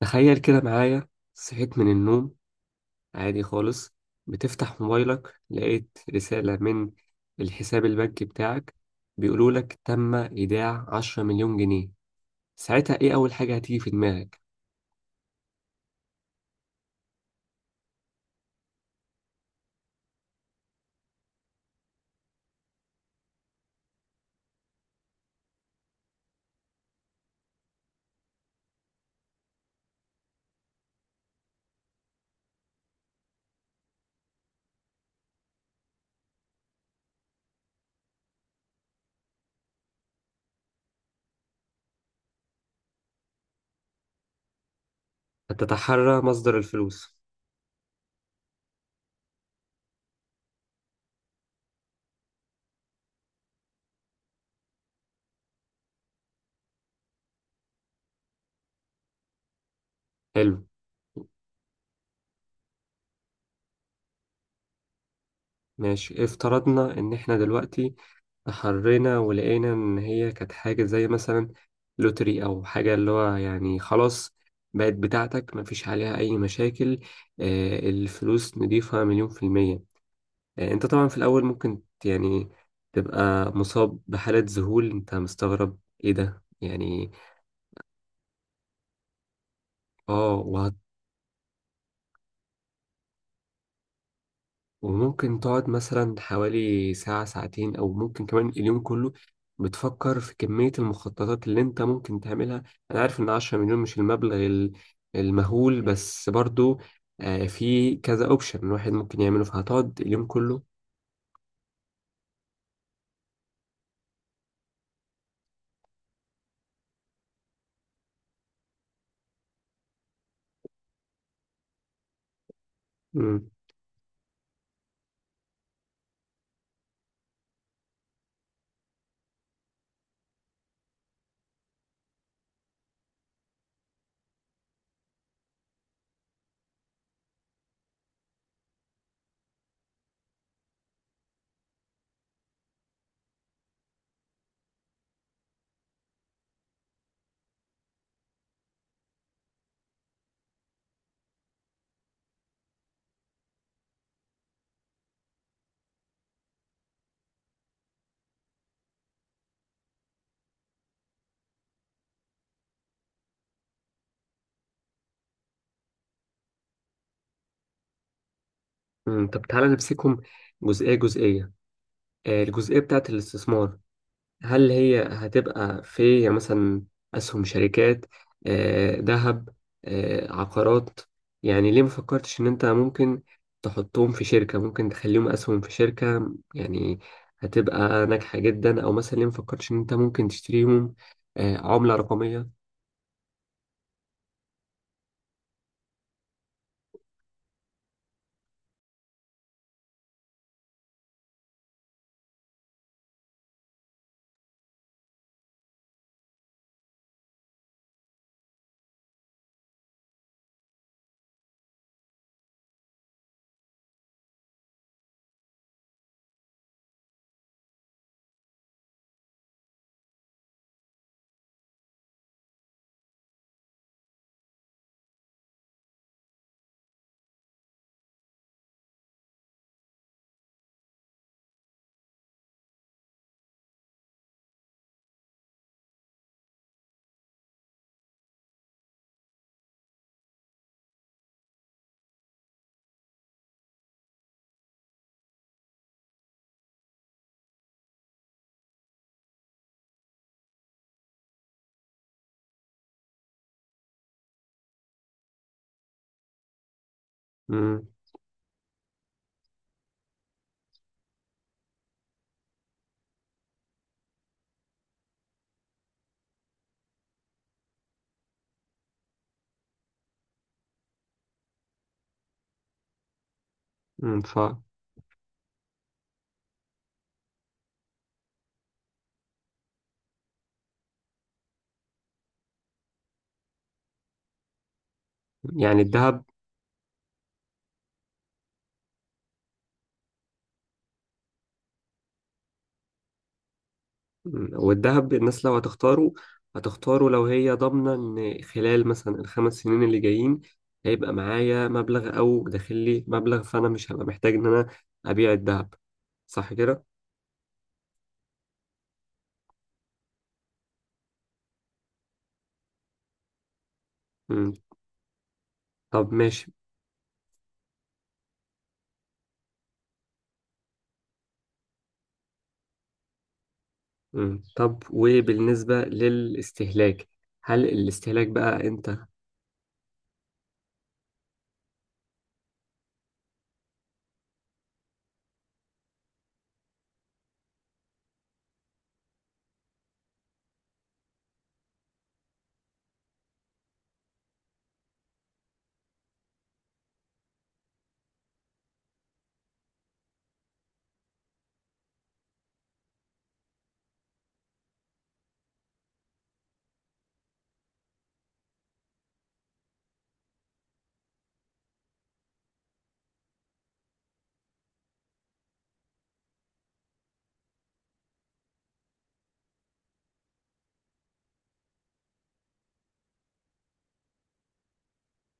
تخيل كده معايا. صحيت من النوم عادي خالص، بتفتح موبايلك لقيت رسالة من الحساب البنكي بتاعك بيقولولك تم إيداع 10 مليون جنيه. ساعتها إيه أول حاجة هتيجي في دماغك؟ هتتحرى مصدر الفلوس. حلو. ماشي، افترضنا ان احنا دلوقتي تحرينا ولقينا ان هي كانت حاجة زي مثلا لوتري او حاجة، اللي هو يعني خلاص بقت بتاعتك مفيش عليها اي مشاكل. الفلوس نضيفة مليون في المية. انت طبعا في الاول ممكن يعني تبقى مصاب بحالة ذهول، انت مستغرب ايه ده يعني. اه، وممكن تقعد مثلا حوالي ساعة ساعتين أو ممكن كمان اليوم كله بتفكر في كمية المخططات اللي أنت ممكن تعملها. أنا عارف إن 10 مليون مش المبلغ المهول، بس برضو في كذا أوبشن الواحد ممكن يعمله فهتقعد اليوم كله. مم. مم. طب تعالى نمسكهم جزئية جزئية. الجزئية بتاعت الاستثمار، هل هي هتبقى في يعني مثلا أسهم شركات، ذهب، عقارات؟ يعني ليه ما فكرتش إن أنت ممكن تحطهم في شركة، ممكن تخليهم أسهم في شركة يعني هتبقى ناجحة جدا؟ أو مثلا ليه ما فكرتش إن أنت ممكن تشتريهم؟ آه، عملة رقمية. مم، مم. يعني الذهب. مم. والذهب الناس لو هتختاره هتختاره لو هي ضامنة إن خلال مثلا ال 5 سنين اللي جايين هيبقى معايا مبلغ أو داخل لي مبلغ، فأنا مش هبقى محتاج إن أنا أبيع الذهب، صح كده؟ مم. طب ماشي. مم. طب وبالنسبة للاستهلاك، هل الاستهلاك بقى أنت؟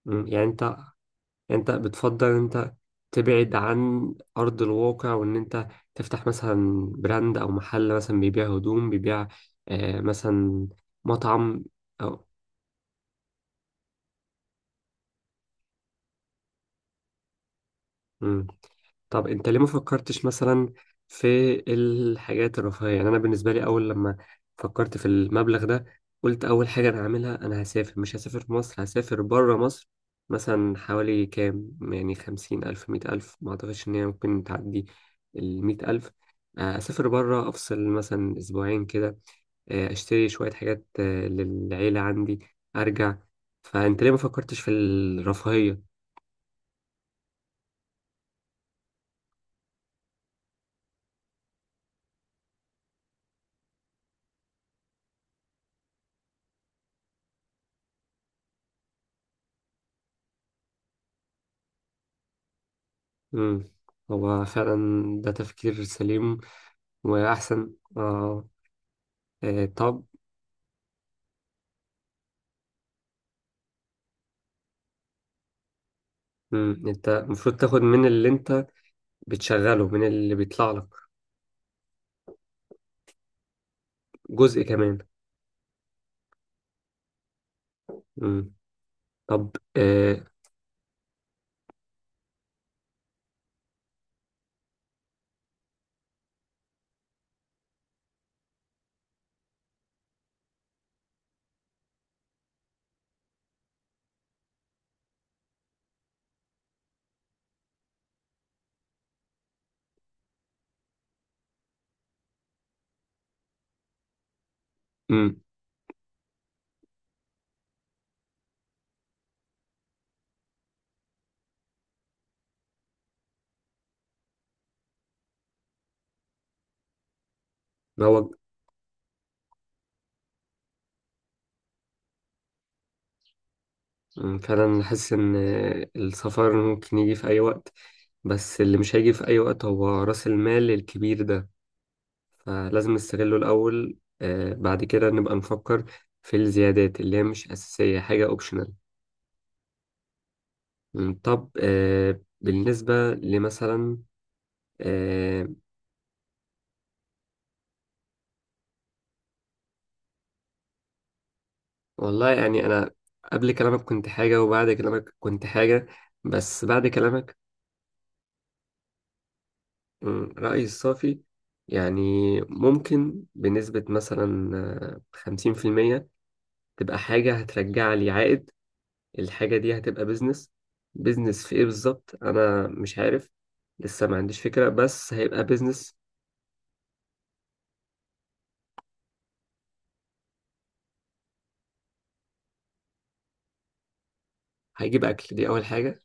مم. يعني انت بتفضل انت تبعد عن ارض الواقع وان انت تفتح مثلا براند او محل مثلا بيبيع هدوم، بيبيع مثلا مطعم، او... مم. طب انت ليه ما فكرتش مثلا في الحاجات الرفاهية؟ يعني انا بالنسبة لي اول لما فكرت في المبلغ ده قلت اول حاجة انا هعملها، انا هسافر، مش هسافر في مصر، هسافر بره مصر، مثلا حوالي كام، يعني 50 ألف 100 ألف، ما اعتقدش ان هي ممكن تعدي ال 100 ألف. اسافر بره، افصل مثلا اسبوعين كده. اشتري شوية حاجات للعيلة عندي، ارجع. فانت ليه ما فكرتش في الرفاهية؟ مم. هو فعلا ده تفكير سليم واحسن اه إيه طب. مم. انت المفروض تاخد من اللي انت بتشغله، من اللي بيطلع لك جزء كمان. مم. طب. مم. هو. مم. فعلا حاسس ان السفر ممكن يجي في اي وقت، بس اللي مش هيجي في اي وقت هو راس المال الكبير ده، فلازم نستغله الاول. بعد كده نبقى نفكر في الزيادات اللي هي مش اساسية، حاجة اوبشنال. طب. بالنسبة لمثلا آه، والله يعني أنا قبل كلامك كنت حاجة وبعد كلامك كنت حاجة، بس بعد كلامك... رأيي الصافي، يعني ممكن بنسبة مثلا 50% تبقى حاجة هترجع لي عائد. الحاجة دي هتبقى بيزنس. بيزنس في إيه بالظبط أنا مش عارف، لسه ما عنديش فكرة، بس هيبقى بيزنس. هيجيب أكل، دي أول حاجة.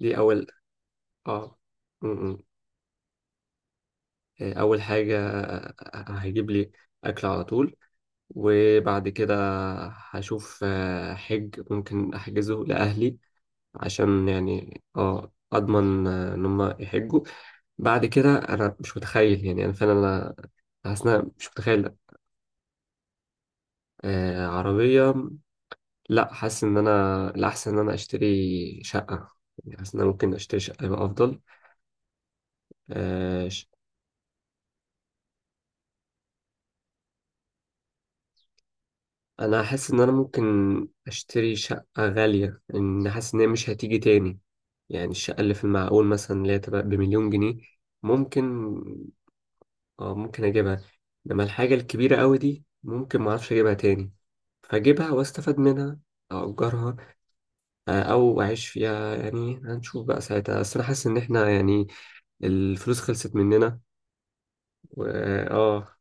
دي أول آه مم، مم. أول حاجة هيجيب لي أكل على طول. وبعد كده هشوف حج ممكن احجزه لاهلي عشان يعني اضمن ان هم يحجوا. بعد كده انا مش متخيل، يعني انا فعلا انا حاسس ان انا مش متخيل. آه، عربيه. لا، حاسس ان انا الاحسن ان انا اشتري شقه، يعني حاسس ان انا ممكن اشتري شقه يبقى افضل. آه ش- انا حاسس ان انا ممكن اشتري شقه غاليه، ان حاسس ان هي مش هتيجي تاني. يعني الشقة اللي في المعقول مثلا اللي هي تبقى بمليون جنيه ممكن. اه، ممكن أجيبها. إنما الحاجة الكبيرة أوي دي ممكن معرفش أجيبها تاني، فأجيبها وأستفاد منها أو أجرها. آه، أو أعيش فيها، يعني هنشوف بقى ساعتها. بس أنا حاسس إن إحنا يعني الفلوس خلصت مننا و آه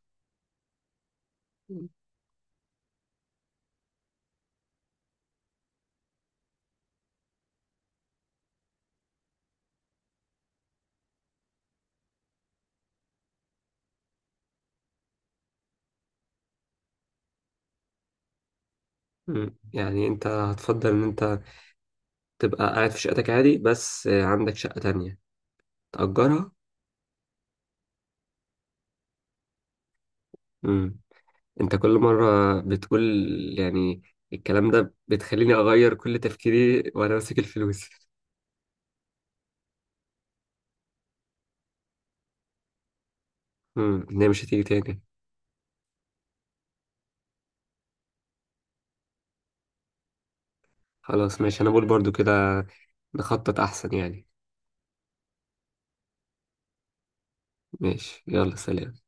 مم. يعني أنت هتفضل إن أنت تبقى قاعد في شقتك عادي، بس عندك شقة تانية تأجرها؟ مم. انت كل مرة بتقول يعني الكلام ده بتخليني اغير كل تفكيري وانا ماسك الفلوس. ان هي مش هتيجي تاني. خلاص، ماشي، انا بقول برضو كده، نخطط احسن يعني. ماشي، يلا سلام.